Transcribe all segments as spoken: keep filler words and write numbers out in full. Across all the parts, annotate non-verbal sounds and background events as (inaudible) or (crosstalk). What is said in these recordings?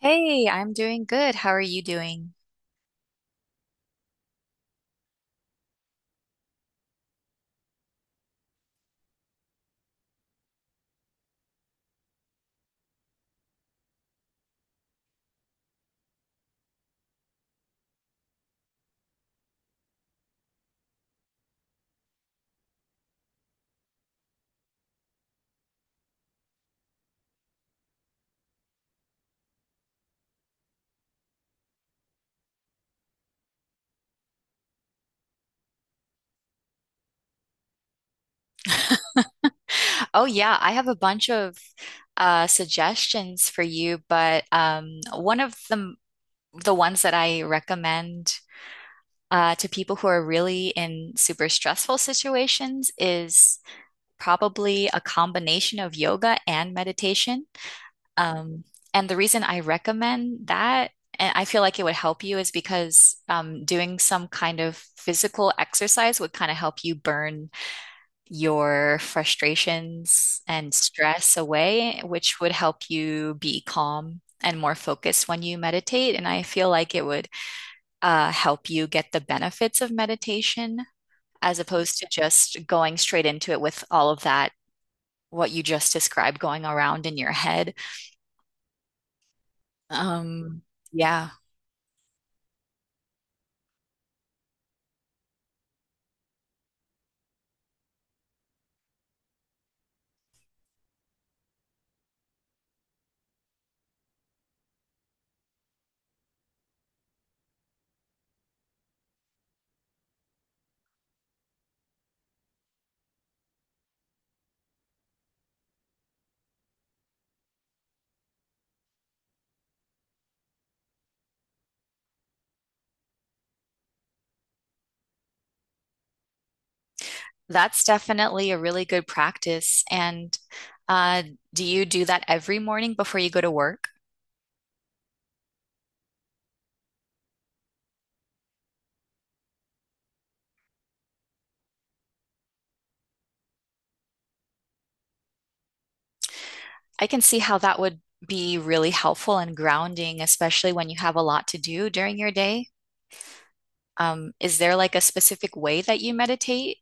Hey, I'm doing good. How are you doing? Oh yeah, I have a bunch of uh, suggestions for you, but um, one of the the ones that I recommend uh, to people who are really in super stressful situations is probably a combination of yoga and meditation. Um, and the reason I recommend that, and I feel like it would help you, is because um, doing some kind of physical exercise would kind of help you burn your frustrations and stress away, which would help you be calm and more focused when you meditate. And I feel like it would uh, help you get the benefits of meditation as opposed to just going straight into it with all of that, what you just described going around in your head. Um, yeah, that's definitely a really good practice. And uh, do you do that every morning before you go to work? I can see how that would be really helpful and grounding, especially when you have a lot to do during your day. Um, is there like a specific way that you meditate?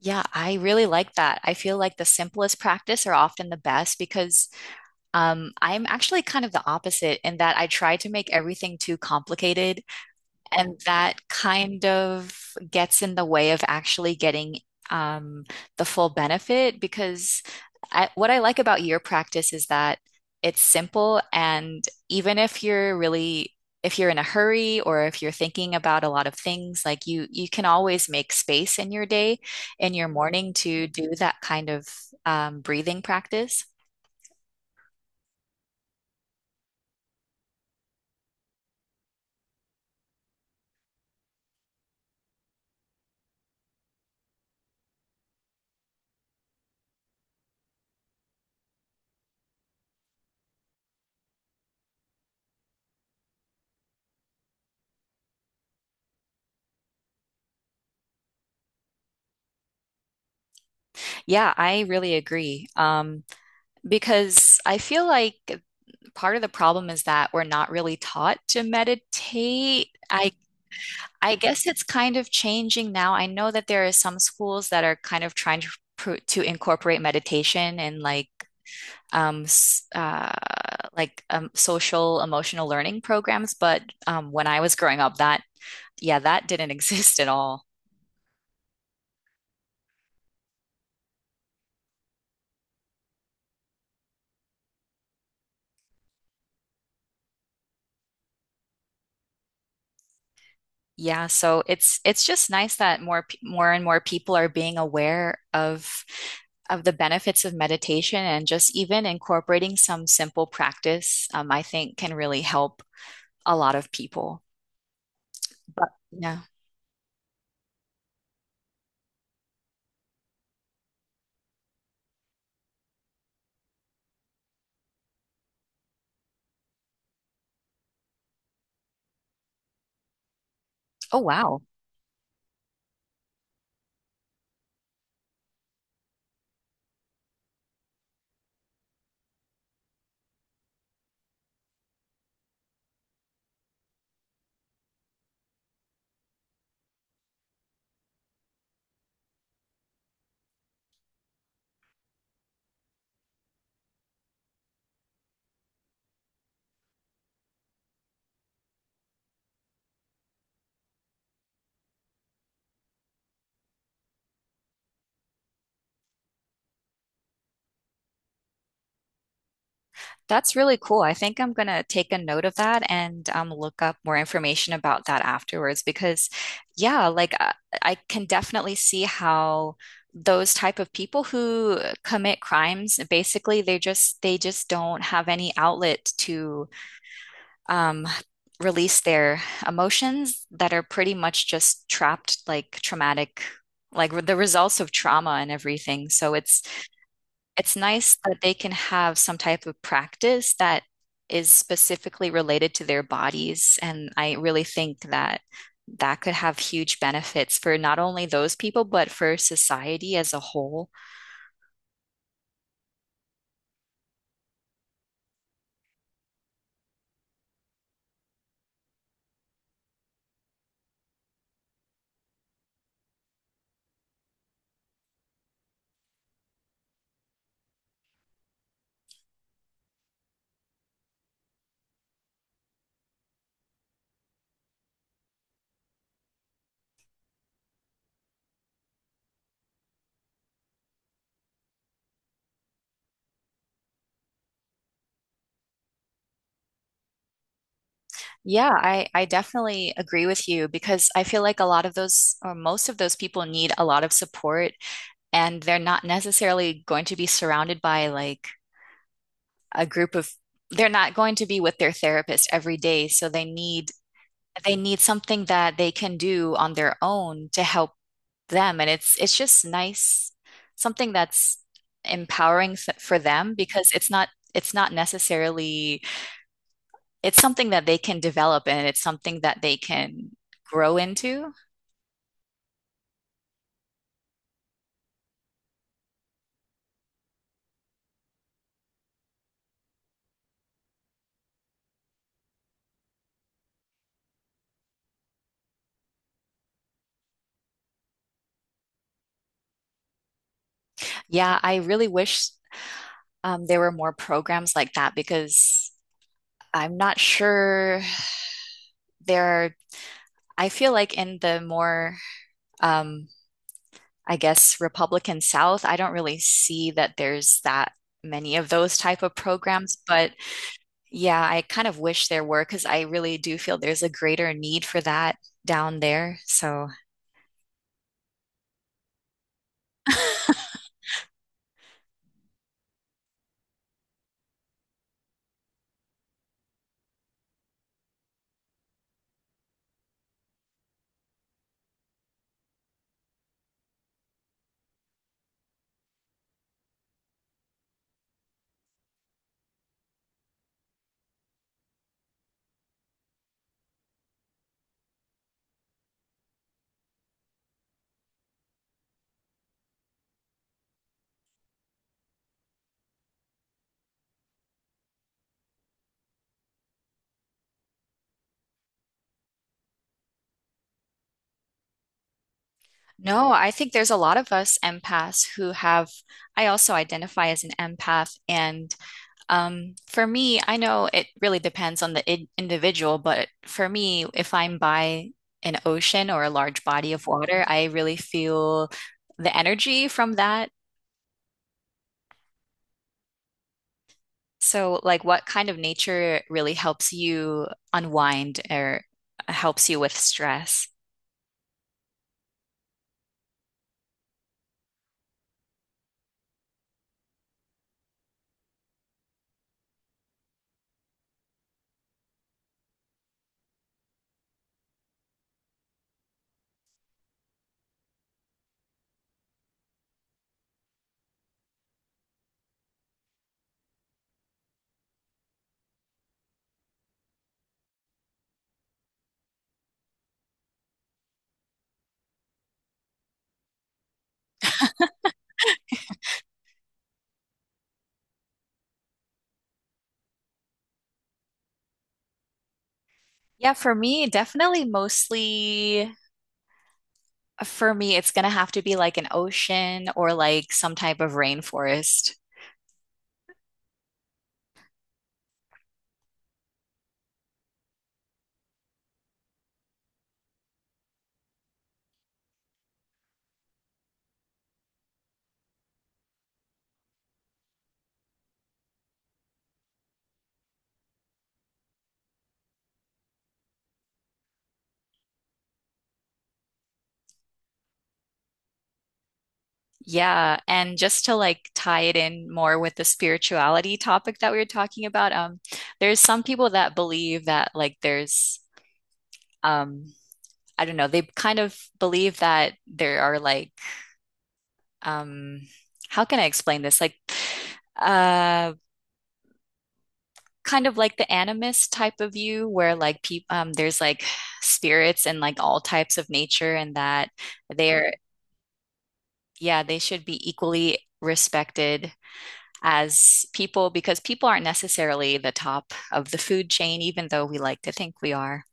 Yeah, I really like that. I feel like the simplest practice are often the best because um, I'm actually kind of the opposite in that I try to make everything too complicated. And that kind of gets in the way of actually getting um, the full benefit because I, what I like about your practice is that it's simple. And even if you're really, if you're in a hurry or if you're thinking about a lot of things, like you, you can always make space in your day, in your morning to do that kind of um, breathing practice. Yeah, I really agree. Um, because I feel like part of the problem is that we're not really taught to meditate. I I guess it's kind of changing now. I know that there are some schools that are kind of trying to pro- to incorporate meditation and like um uh like um, social emotional learning programs, but um, when I was growing up that yeah, that didn't (laughs) exist at all. Yeah, so it's it's just nice that more pe- more and more people are being aware of of the benefits of meditation and just even incorporating some simple practice. Um, I think can really help a lot of people. But yeah. Oh, wow. That's really cool. I think I'm going to take a note of that and um, look up more information about that afterwards because, yeah, like I, I can definitely see how those type of people who commit crimes, basically, they just they just don't have any outlet to um, release their emotions that are pretty much just trapped, like traumatic, like the results of trauma and everything. So it's it's nice that they can have some type of practice that is specifically related to their bodies. And I really think that that could have huge benefits for not only those people, but for society as a whole. Yeah, I, I definitely agree with you because I feel like a lot of those, or most of those people need a lot of support, and they're not necessarily going to be surrounded by like a group of, they're not going to be with their therapist every day. So they need they need something that they can do on their own to help them, and it's it's just nice something that's empowering s- for them because it's not it's not necessarily it's something that they can develop and it's something that they can grow into. Yeah, I really wish um, there were more programs like that because I'm not sure there are. I feel like in the more, um, I guess, Republican South, I don't really see that there's that many of those type of programs. But yeah, I kind of wish there were because I really do feel there's a greater need for that down there. So (laughs) no, I think there's a lot of us empaths who have, I also identify as an empath. And um, for me, I know it really depends on the I individual, but for me, if I'm by an ocean or a large body of water, I really feel the energy from that. So, like, what kind of nature really helps you unwind or helps you with stress? Yeah, for me, definitely mostly for me, it's gonna have to be like an ocean or like some type of rainforest. Yeah, and just to like tie it in more with the spirituality topic that we were talking about, um, there's some people that believe that like there's um I don't know, they kind of believe that there are like um how can I explain this? Like uh kind of like the animist type of view where like people um there's like spirits and like all types of nature, and that they're yeah, they should be equally respected as people because people aren't necessarily the top of the food chain, even though we like to think we are.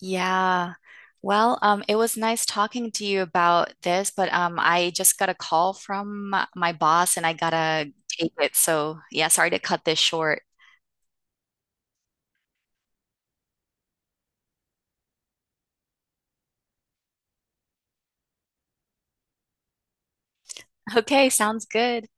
Yeah. Well, um, it was nice talking to you about this, but um, I just got a call from my my boss and I gotta take it. So, yeah, sorry to cut this short. (laughs) Okay, sounds good.